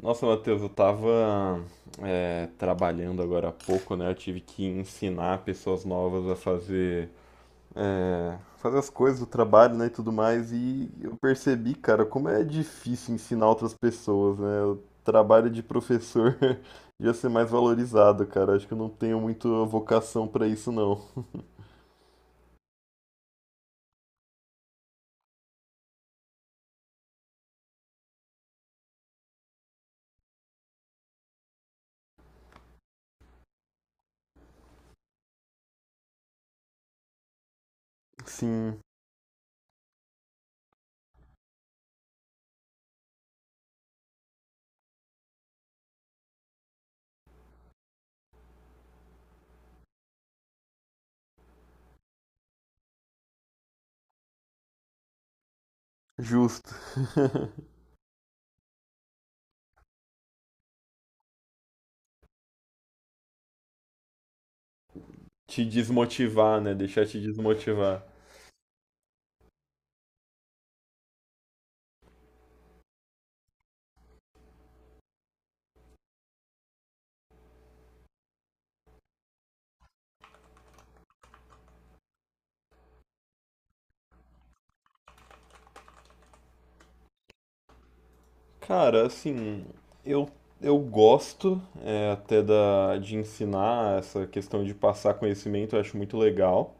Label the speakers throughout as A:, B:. A: Nossa, Matheus, eu tava trabalhando agora há pouco, né? Eu tive que ensinar pessoas novas a fazer, fazer as coisas do trabalho, né, e tudo mais. E eu percebi, cara, como é difícil ensinar outras pessoas, né? O trabalho de professor devia ser mais valorizado, cara. Acho que eu não tenho muito vocação pra isso, não. Sim, justo. Te desmotivar, né? Deixar te desmotivar. Cara, assim, eu, eu gosto até de ensinar essa questão de passar conhecimento, eu acho muito legal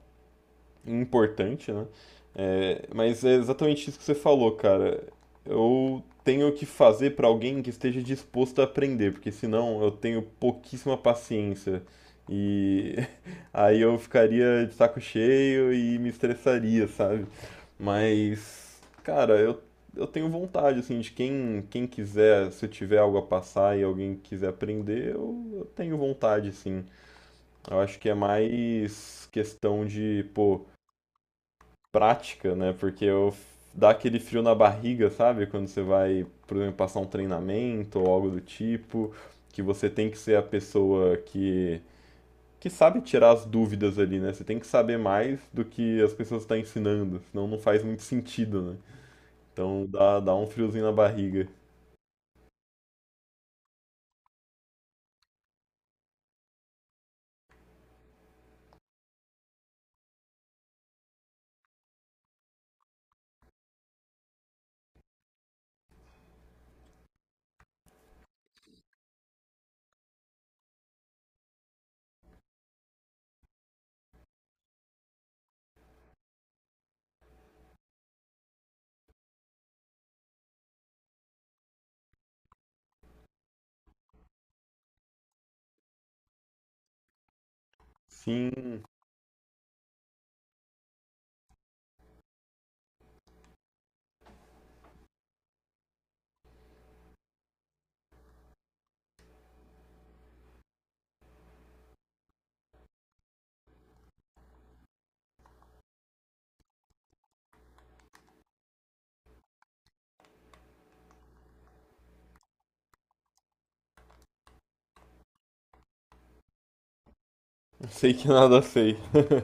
A: importante, né? É, mas é exatamente isso que você falou, cara. Eu tenho que fazer para alguém que esteja disposto a aprender, porque senão eu tenho pouquíssima paciência. E aí eu ficaria de saco cheio e me estressaria, sabe? Mas, cara, eu tenho vontade, assim, de quem quiser, se eu tiver algo a passar e alguém quiser aprender, eu tenho vontade, sim. Eu acho que é mais questão de, pô, prática, né? Porque eu dá aquele frio na barriga, sabe? Quando você vai, por exemplo, passar um treinamento ou algo do tipo, que você tem que ser a pessoa que sabe tirar as dúvidas ali, né? Você tem que saber mais do que as pessoas estão ensinando, senão não faz muito sentido, né? Então dá um friozinho na barriga. Sim, sei que nada sei.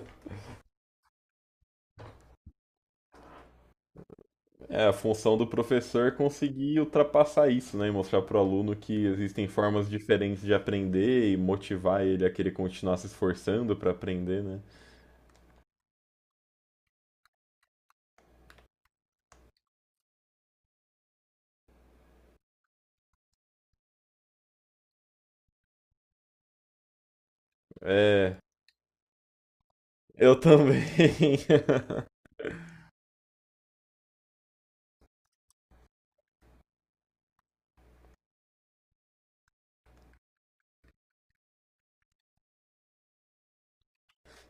A: É, a função do professor é conseguir ultrapassar isso, né? E mostrar para o aluno que existem formas diferentes de aprender e motivar ele a querer continuar se esforçando para aprender, né? É, eu também.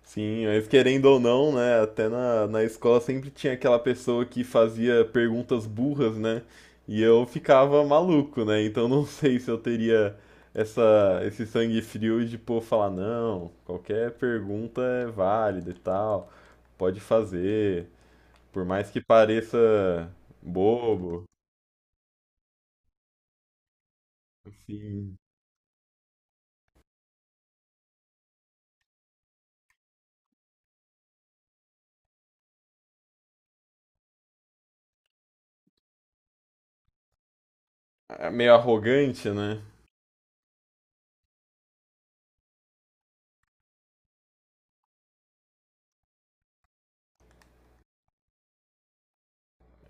A: Sim, mas querendo ou não, né? Até na escola sempre tinha aquela pessoa que fazia perguntas burras, né? E eu ficava maluco, né? Então não sei se eu teria esse sangue frio de, pô, falar, não, qualquer pergunta é válida e tal, pode fazer, por mais que pareça bobo, assim, meio arrogante, né?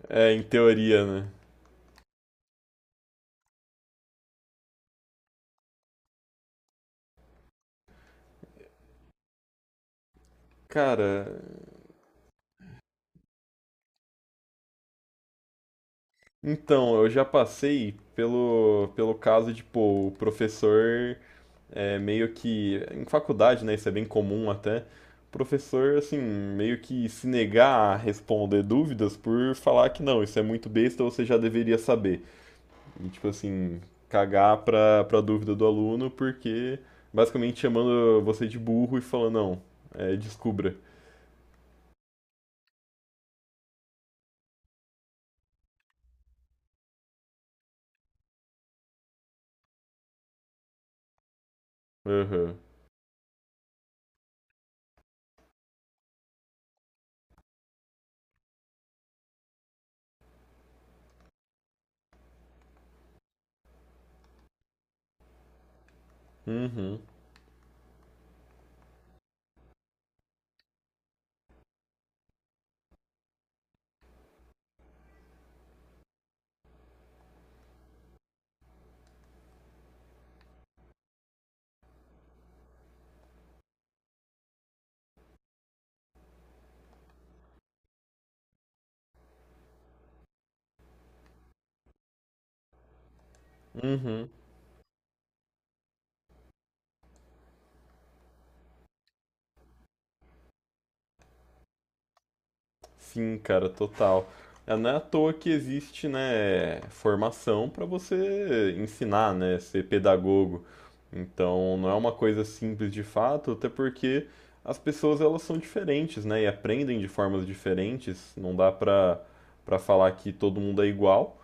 A: É, em teoria, né? Cara. Então, eu já passei pelo, pelo caso de, pô, o professor é meio que. Em faculdade, né? Isso é bem comum até. O professor, assim, meio que se negar a responder dúvidas por falar que não, isso é muito besta, você já deveria saber. E, tipo assim, cagar pra dúvida do aluno, porque basicamente chamando você de burro e falando, não, descubra. Aham, uhum, uhum. Sim, cara, total. É, não é à toa que existe, né, formação para você ensinar, né, ser pedagogo. Então, não é uma coisa simples de fato, até porque as pessoas elas são diferentes, né, e aprendem de formas diferentes. Não dá para falar que todo mundo é igual.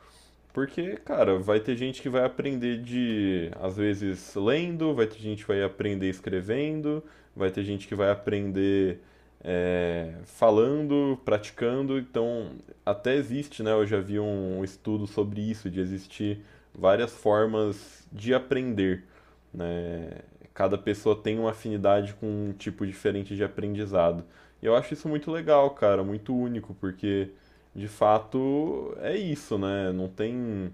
A: Porque, cara, vai ter gente que vai aprender de, às vezes, lendo, vai ter gente que vai aprender escrevendo, vai ter gente que vai aprender falando, praticando. Então, até existe, né? Eu já vi um estudo sobre isso, de existir várias formas de aprender, né? Cada pessoa tem uma afinidade com um tipo diferente de aprendizado. E eu acho isso muito legal, cara, muito único, porque de fato é isso, né?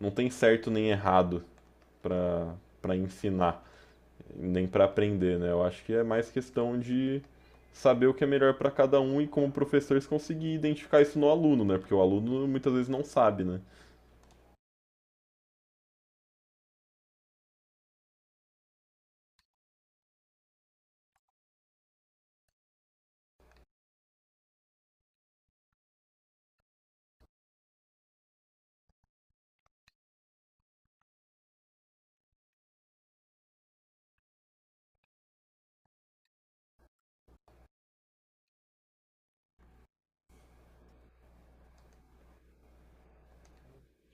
A: Não tem certo nem errado para ensinar, nem para aprender, né? Eu acho que é mais questão de saber o que é melhor para cada um e como professores conseguir identificar isso no aluno, né? Porque o aluno muitas vezes não sabe, né?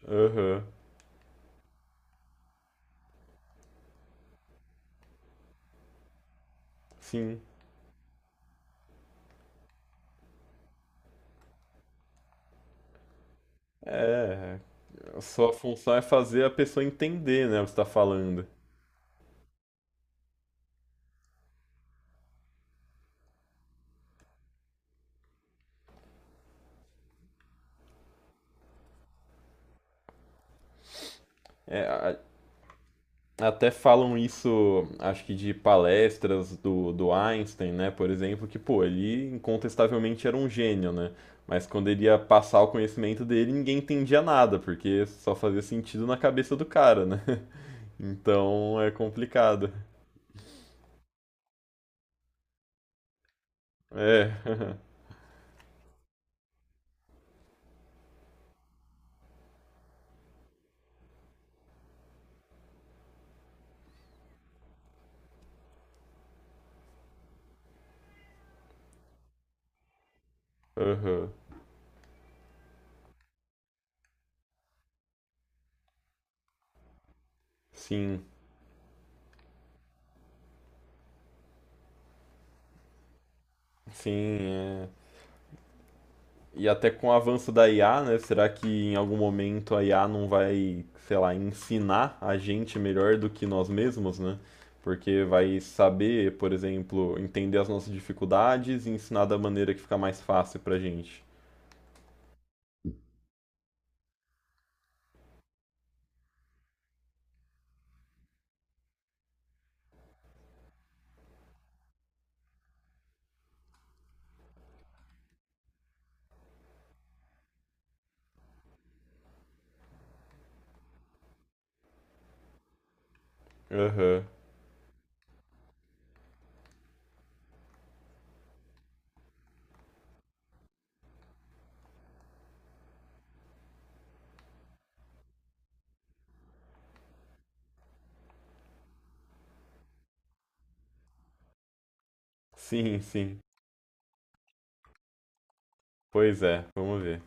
A: Aham. Sim. É, a sua função é fazer a pessoa entender, né, o que você está falando. É, a- Até falam isso, acho que de palestras do Einstein, né, por exemplo, que, pô, ele incontestavelmente era um gênio, né? Mas quando ele ia passar o conhecimento dele, ninguém entendia nada, porque só fazia sentido na cabeça do cara, né? Então é complicado. É. Aham. Sim, sim, é. E até com o avanço da IA, né? Será que em algum momento a IA não vai, sei lá, ensinar a gente melhor do que nós mesmos, né? Porque vai saber, por exemplo, entender as nossas dificuldades e ensinar da maneira que fica mais fácil pra gente. Aham. Sim, sim. Pois é, vamos ver.